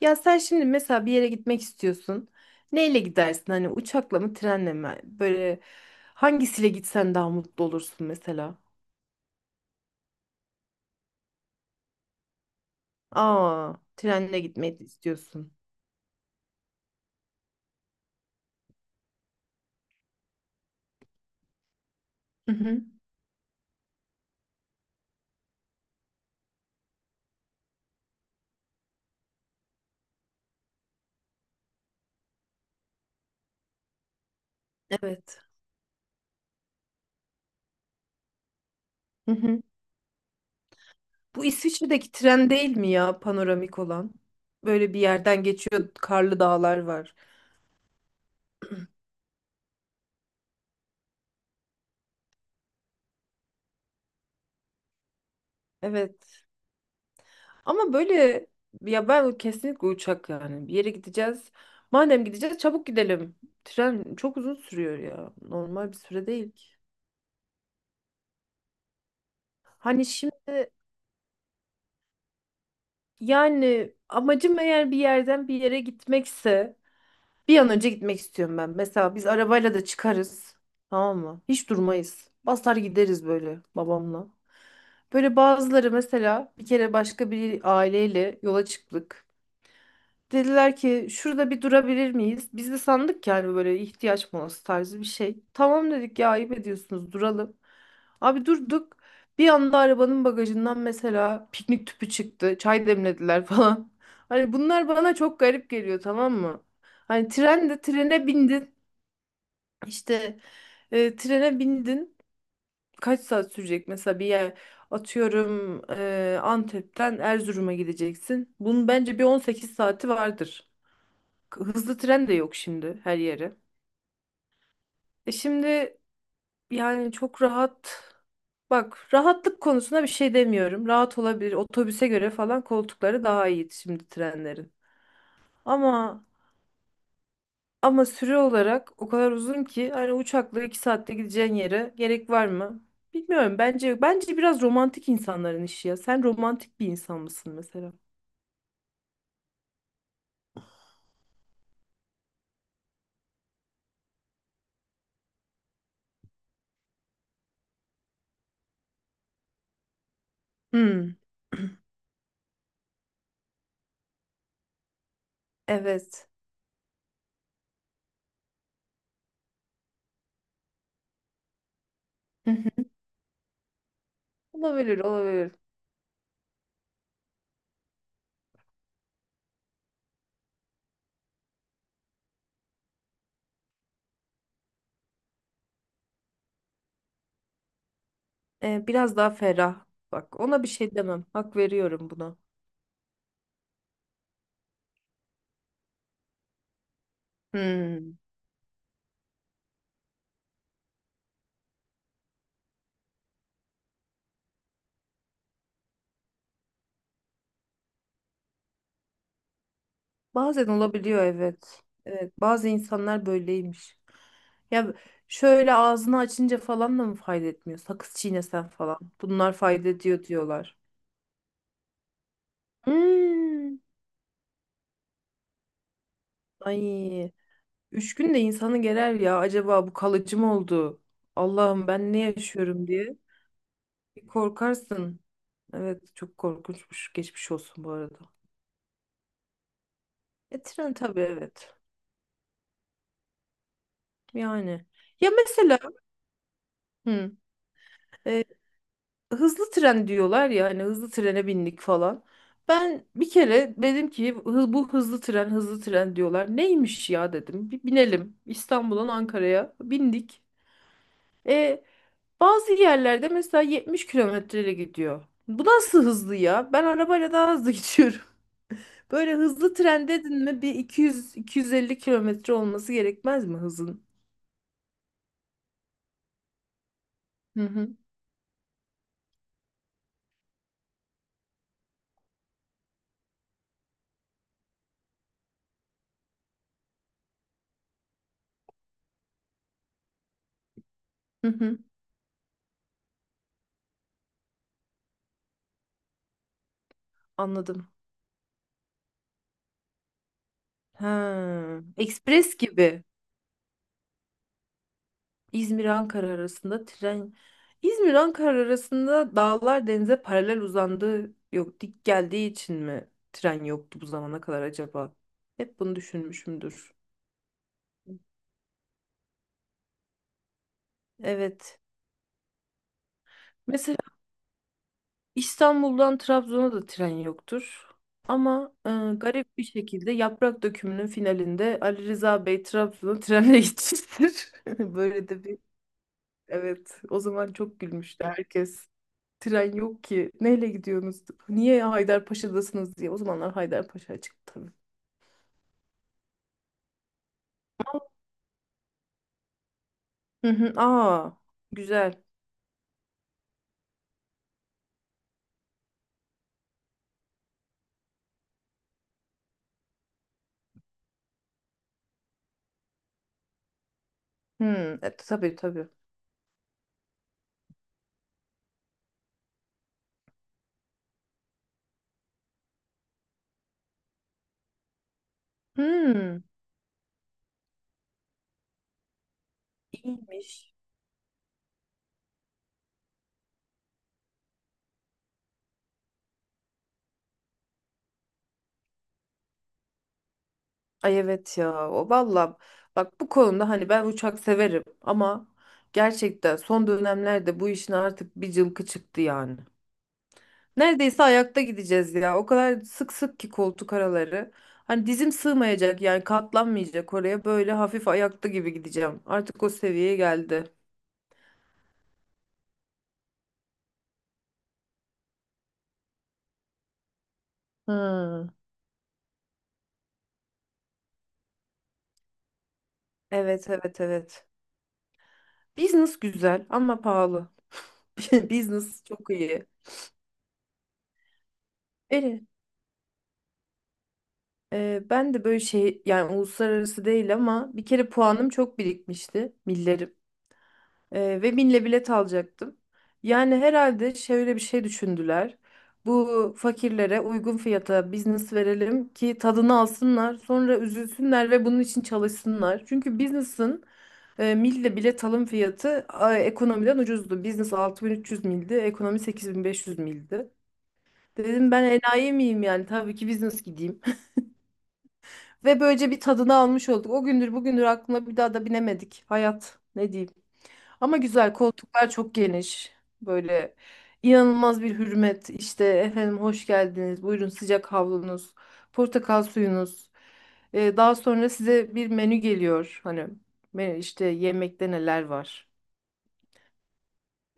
Ya sen şimdi mesela bir yere gitmek istiyorsun. Neyle gidersin? Hani uçakla mı, trenle mi? Böyle hangisiyle gitsen daha mutlu olursun mesela? Aa, trenle gitmeyi istiyorsun. Hı hı. Evet. Hı hı. Bu İsviçre'deki tren değil mi ya panoramik olan? Böyle bir yerden geçiyor, karlı dağlar var. Evet. Ama böyle ya ben kesinlikle uçak yani. Bir yere gideceğiz. Madem gideceğiz çabuk gidelim. Tren çok uzun sürüyor ya. Normal bir süre değil. Hani şimdi yani amacım eğer bir yerden bir yere gitmekse bir an önce gitmek istiyorum ben. Mesela biz arabayla da çıkarız. Tamam mı? Hiç durmayız. Basar gideriz böyle babamla. Böyle bazıları mesela bir kere başka bir aileyle yola çıktık. Dediler ki şurada bir durabilir miyiz? Biz de sandık ki hani böyle ihtiyaç molası tarzı bir şey. Tamam dedik ya ayıp ediyorsunuz duralım. Abi durduk. Bir anda arabanın bagajından mesela piknik tüpü çıktı. Çay demlediler falan. Hani bunlar bana çok garip geliyor tamam mı? Hani tren de trene bindin. İşte trene bindin. Kaç saat sürecek mesela bir yer atıyorum Antep'ten Erzurum'a gideceksin. Bunun bence bir 18 saati vardır hızlı tren de yok şimdi her yere. E şimdi yani çok rahat. Bak rahatlık konusuna bir şey demiyorum. Rahat olabilir. Otobüse göre falan koltukları daha iyi şimdi trenlerin. Ama ama süre olarak o kadar uzun ki hani uçakla 2 saatte gideceğin yere gerek var mı? Bilmiyorum. Bence biraz romantik insanların işi ya. Sen romantik bir insan mısın mesela? Hmm, evet. Hı hı. Olabilir, olabilir. E, biraz daha ferah. Bak ona bir şey demem. Hak veriyorum buna. Hmm. Bazen olabiliyor evet. Evet, bazı insanlar böyleymiş. Ya şöyle ağzını açınca falan da mı fayda etmiyor? Sakız çiğnesen falan. Bunlar fayda ediyor diyorlar. Hmm. Ay, üç gün de insanı gerer ya. Acaba bu kalıcı mı oldu? Allah'ım ben ne yaşıyorum diye. Bir korkarsın. Evet, çok korkunçmuş. Geçmiş olsun bu arada. E tren tabii evet. Yani. Ya mesela hı, hızlı tren diyorlar ya hani hızlı trene bindik falan. Ben bir kere dedim ki Bu hızlı tren hızlı tren diyorlar. Neymiş ya dedim. Bir binelim İstanbul'dan Ankara'ya bindik. E, bazı yerlerde mesela 70 kilometreyle gidiyor. Bu nasıl hızlı ya? Ben arabayla daha hızlı gidiyorum. Böyle hızlı tren dedin mi bir 200-250 kilometre olması gerekmez mi hızın? Hı hı, hı hı. Anladım. Ha, ekspres gibi. İzmir-Ankara arasında tren İzmir-Ankara arasında dağlar denize paralel uzandığı yok dik geldiği için mi tren yoktu bu zamana kadar acaba? Hep bunu düşünmüşümdür. Evet. Mesela İstanbul'dan Trabzon'a da tren yoktur. Ama garip bir şekilde Yaprak Dökümü'nün finalinde Ali Rıza Bey Trabzon'a trenle gitmiştir. Böyle de bir, evet, o zaman çok gülmüştü herkes. Tren yok ki. Neyle gidiyorsunuz? Niye Haydarpaşa'dasınız diye. O zamanlar Haydarpaşa çıktı tabii. Hı hı. Aa, güzel. Hı, tabii tabii. Hı, iyiymiş. Ay evet ya. O valla bak bu konuda hani ben uçak severim ama gerçekten son dönemlerde bu işin artık bir cılkı çıktı yani. Neredeyse ayakta gideceğiz ya. O kadar sık sık ki koltuk araları. Hani dizim sığmayacak yani katlanmayacak oraya. Böyle hafif ayakta gibi gideceğim. Artık o seviyeye geldi. Hmm. Evet, evet, evet. Business güzel ama pahalı. Business çok iyi. Beni, Ben de böyle şey yani uluslararası değil ama bir kere puanım çok birikmişti. Millerim. Ve binle bilet alacaktım. Yani herhalde şöyle bir şey düşündüler. Bu fakirlere uygun fiyata business verelim ki tadını alsınlar, sonra üzülsünler ve bunun için çalışsınlar. Çünkü business'ın mille bilet alım fiyatı ekonomiden ucuzdu. Business 6300 mildi, ekonomi 8500 mildi. Dedim ben enayi miyim yani tabii ki business gideyim. Ve böylece bir tadını almış olduk. O gündür bugündür aklına bir daha da binemedik. Hayat ne diyeyim. Ama güzel koltuklar çok geniş. Böyle inanılmaz bir hürmet. İşte efendim hoş geldiniz. Buyurun sıcak havlunuz, portakal suyunuz. Daha sonra size bir menü geliyor. Hani menü işte yemekte neler var.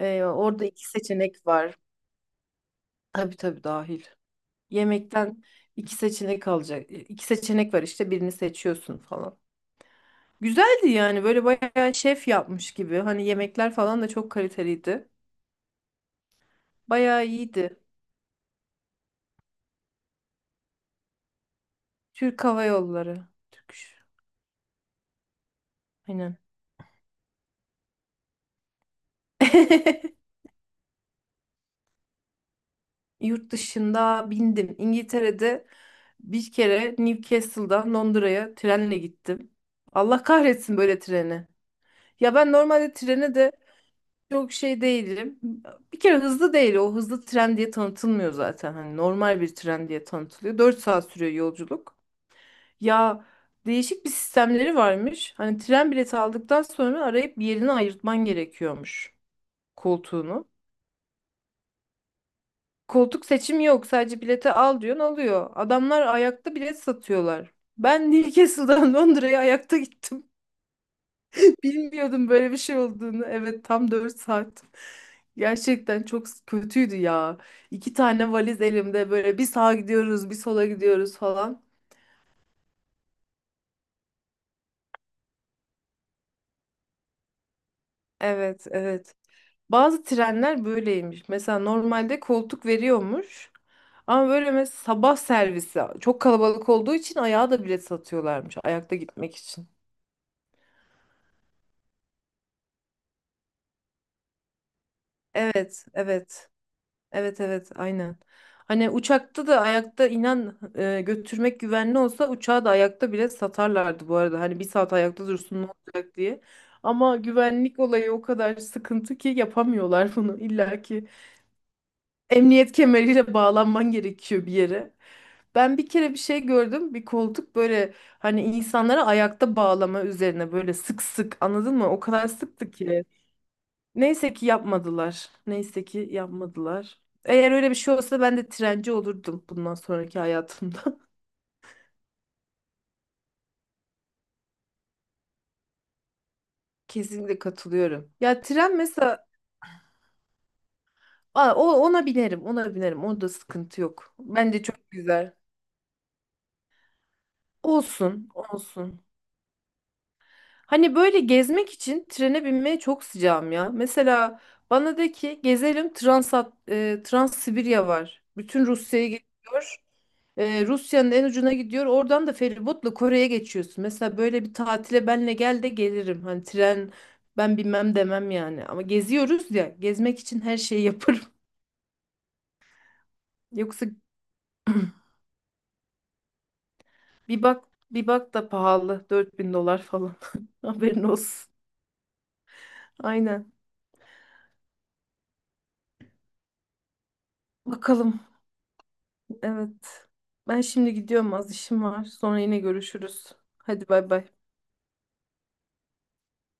Orada iki seçenek var. Tabii tabii dahil. Yemekten iki seçenek alacak. İki seçenek var işte birini seçiyorsun falan. Güzeldi yani böyle bayağı şef yapmış gibi. Hani yemekler falan da çok kaliteliydi. Bayağı iyiydi. Türk Hava Yolları. Türk. Aynen. Yurt dışında bindim. İngiltere'de bir kere Newcastle'dan Londra'ya trenle gittim. Allah kahretsin böyle treni. Ya ben normalde trene de çok şey değilim. Bir kere hızlı değil. O hızlı tren diye tanıtılmıyor zaten. Hani normal bir tren diye tanıtılıyor. 4 saat sürüyor yolculuk. Ya değişik bir sistemleri varmış. Hani tren bileti aldıktan sonra arayıp bir yerini ayırtman gerekiyormuş koltuğunu. Koltuk seçimi yok. Sadece bileti al diyorsun alıyor. Adamlar ayakta bilet satıyorlar. Ben Newcastle'dan Londra'ya ayakta gittim. Bilmiyordum böyle bir şey olduğunu. Evet tam 4 saat. Gerçekten çok kötüydü ya. İki tane valiz elimde böyle bir sağa gidiyoruz bir sola gidiyoruz falan. Evet, evet. Bazı trenler böyleymiş. Mesela normalde koltuk veriyormuş. Ama böyle mesela sabah servisi çok kalabalık olduğu için ayağa da bilet satıyorlarmış. Ayakta gitmek için. Evet, evet. Evet, evet, aynen. Hani uçakta da ayakta inan götürmek güvenli olsa uçağı da ayakta bile satarlardı bu arada. Hani bir saat ayakta dursun ne olacak diye. Ama güvenlik olayı o kadar sıkıntı ki yapamıyorlar bunu. İlla ki emniyet kemeriyle bağlanman gerekiyor bir yere. Ben bir kere bir şey gördüm. Bir koltuk böyle hani insanlara ayakta bağlama üzerine böyle sık sık anladın mı? O kadar sıktı ki. Neyse ki yapmadılar. Neyse ki yapmadılar. Eğer öyle bir şey olsa ben de trenci olurdum bundan sonraki hayatımda. Kesinlikle katılıyorum. Ya tren mesela. Aa, o ona binerim, ona binerim. Onda sıkıntı yok. Bence çok güzel. Olsun, olsun. Hani böyle gezmek için trene binmeye çok sıcağım ya. Mesela bana de ki gezelim Transsibirya var. Bütün Rusya'ya gidiyor. Rusya'nın en ucuna gidiyor. Oradan da feribotla Kore'ye geçiyorsun. Mesela böyle bir tatile benle gel de gelirim. Hani tren ben bilmem demem yani. Ama geziyoruz ya. Gezmek için her şeyi yaparım. Yoksa bir bak bir bak da pahalı. 4.000 dolar falan. Haberin olsun. Aynen. Bakalım. Evet. Ben şimdi gidiyorum az işim var. Sonra yine görüşürüz. Hadi bay bay.